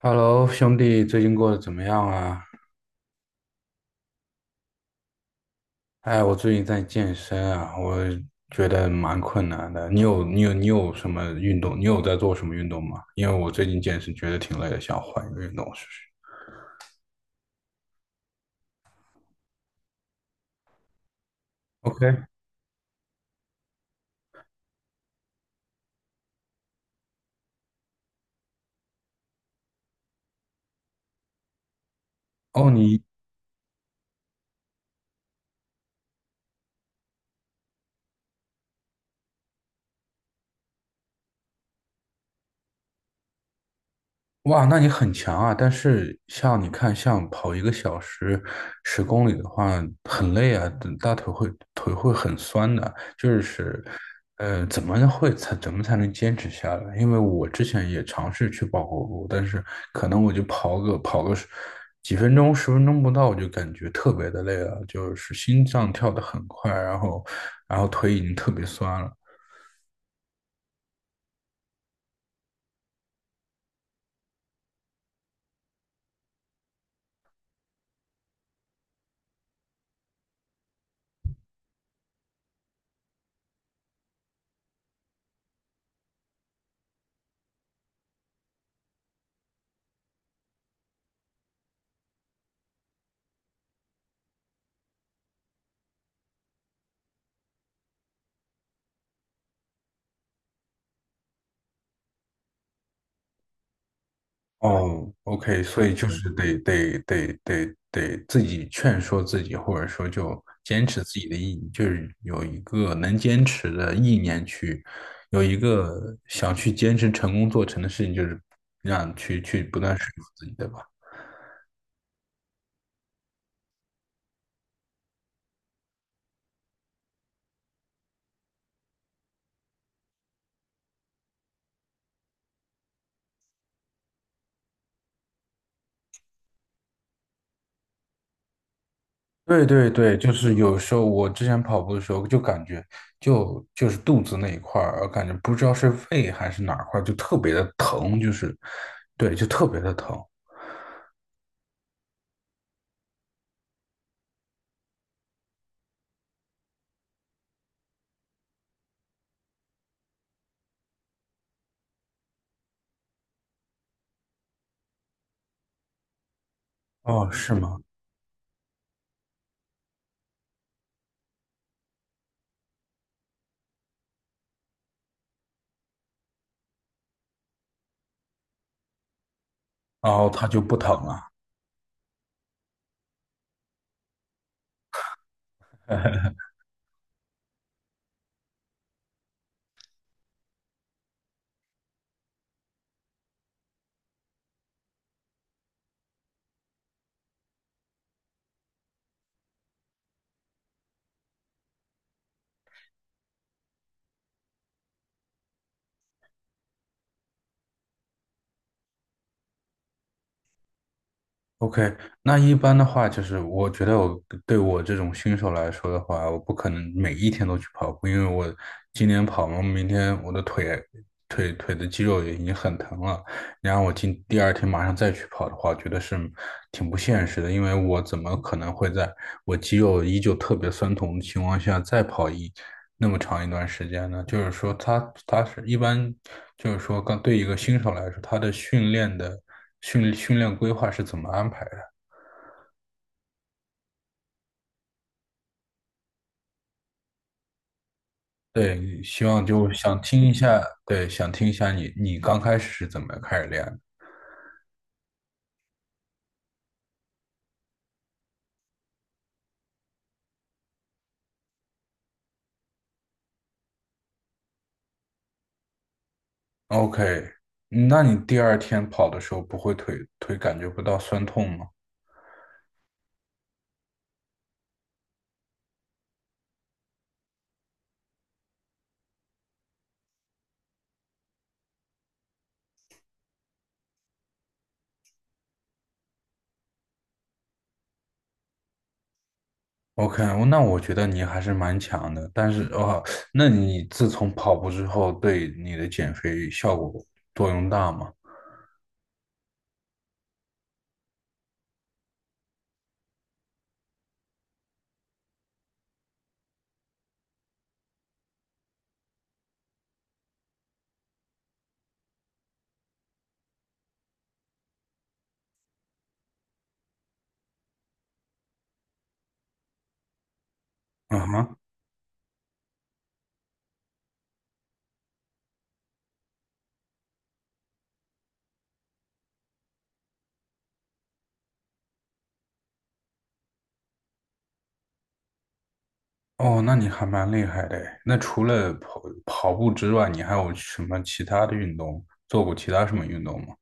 Hello，兄弟，最近过得怎么样啊？哎，我最近在健身啊，我觉得蛮困难的。你有什么运动？你有在做什么运动吗？因为我最近健身觉得挺累的，想换一个运动试试。OK。哦，你哇，那你很强啊！但是像你看，像跑一个小时十公里的话，很累啊，大腿会腿会很酸的。就是，怎么才能坚持下来？因为我之前也尝试去跑过步，但是可能我就跑个十几分钟、十分钟不到，我就感觉特别的累了，就是心脏跳得很快，然后腿已经特别酸了。哦，OK，所以就嗯是得自己劝说自己，或者说就坚持自己的意，就是有一个能坚持的意念去，有一个想去坚持成功做成的事情，就是让去不断说服自己，对吧？对对对，就是有时候我之前跑步的时候就感觉就是肚子那一块儿，我感觉不知道是胃还是哪儿块儿，就特别的疼，就是对，就特别的疼。哦，是吗？然后它就不疼了。OK，那一般的话，就是我觉得我对我这种新手来说的话，我不可能每一天都去跑步，因为我今天跑嘛，明天我的腿的肌肉也已经很疼了，然后我今第二天马上再去跑的话，觉得是挺不现实的，因为我怎么可能会在我肌肉依旧特别酸痛的情况下再跑一那么长一段时间呢？就是说他，他是一般，就是说，刚对一个新手来说，他的训练的训练规划是怎么安排的？对，希望就想听一下，对，想听一下你刚开始是怎么开始练的？OK，那你第二天跑的时候不会腿感觉不到酸痛吗？OK，那我觉得你还是蛮强的，但是哦，那你自从跑步之后，对你的减肥效果作用大吗？啊哼。哦，那你还蛮厉害的诶那除了跑步之外，你还有什么其他的运动？做过其他什么运动吗？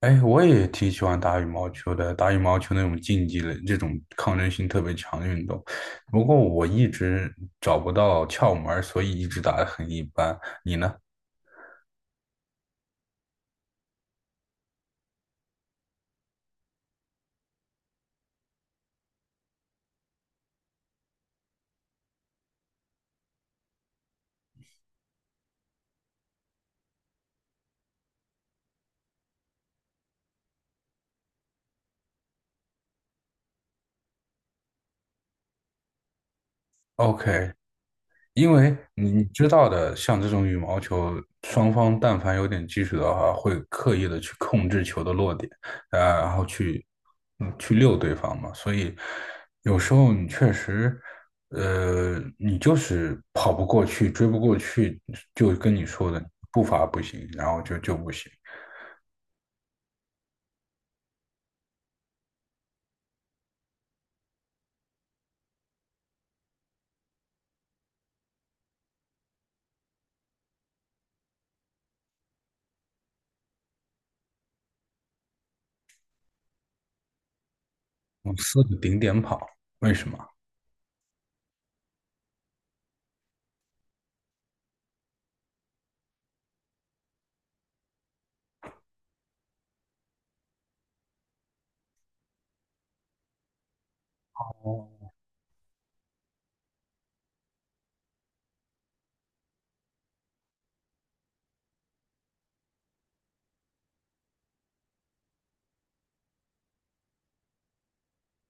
哎，我也挺喜欢打羽毛球的，打羽毛球那种竞技类，这种抗争性特别强的运动。不过我一直找不到窍门儿所以一直打得很一般。你呢？OK，因为你知道的，像这种羽毛球，双方但凡有点技术的话，会刻意的去控制球的落点，啊，然后去去溜对方嘛。所以有时候你确实，你就是跑不过去，追不过去，就跟你说的步伐不行，然后就不行，我四个顶点跑，为什么？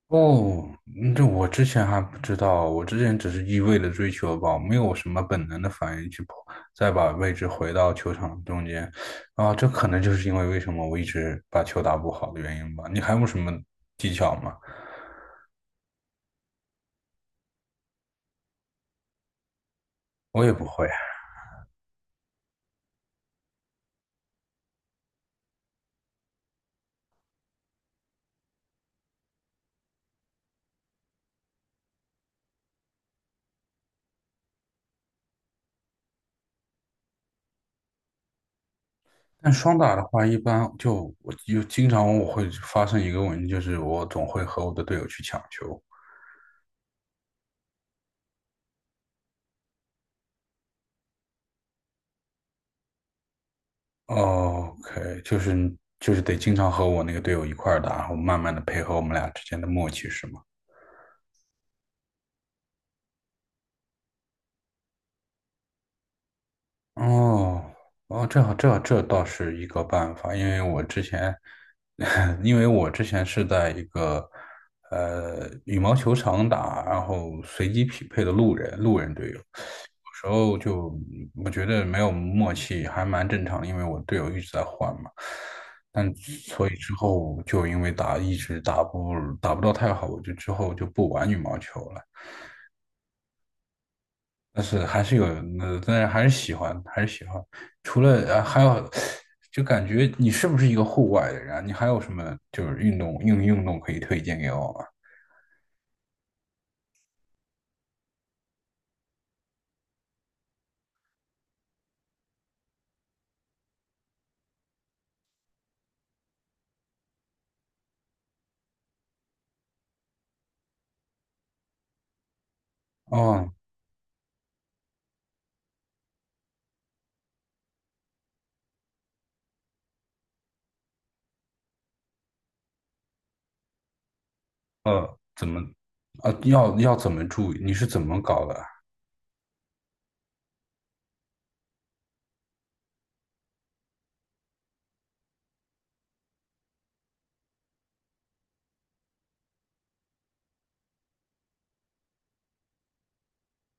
哦，嗯这我之前还不知道，我之前只是一味的追求吧，没有什么本能的反应去跑，再把位置回到球场中间，啊，这可能就是因为为什么我一直把球打不好的原因吧。你还有什么技巧吗？我也不会。但双打的话，一般就我就经常我会发生一个问题，就是我总会和我的队友去抢球。哦 OK，就是就是得经常和我那个队友一块儿打，然后慢慢的配合我们俩之间的默契，是吗？哦哦，这倒是一个办法，因为我之前，因为我之前是在一个羽毛球场打，然后随机匹配的路人队友，有时候就我觉得没有默契还蛮正常的，因为我队友一直在换嘛，但所以之后就因为打一直打不到太好，我就之后就不玩羽毛球了。但是还是有，那但是还是喜欢，还是喜欢。除了还有，就感觉你是不是一个户外的人啊？你还有什么就是运动运动可以推荐给我吗？哦，怎么，要怎么注意？你是怎么搞的啊？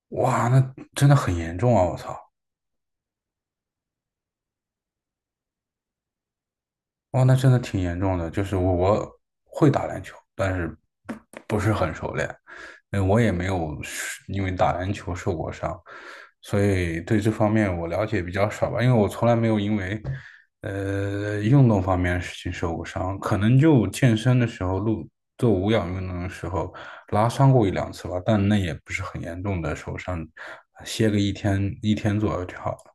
哇，那真的很严重啊！我操。哦，那真的挺严重的。就是我会打篮球，但是不是很熟练。我也没有是因为打篮球受过伤，所以对这方面我了解比较少吧。因为我从来没有因为运动方面的事情受过伤，可能就健身的时候录做无氧运动的时候拉伤过一两次吧，但那也不是很严重的受伤，歇个一天左右就好了。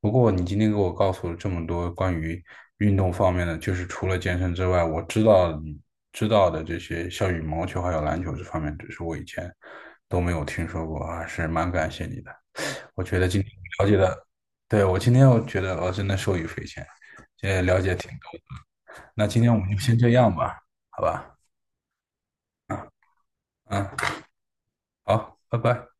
不过你今天给我告诉了这么多关于运动方面的，就是除了健身之外，我知道的这些，像羽毛球还有篮球这方面，只是我以前都没有听说过啊，还是蛮感谢你的。我觉得今天了解的，对，我今天我觉得我真的受益匪浅，这了解挺多。那今天我们就先这样吧，好吧？嗯嗯，好，拜拜。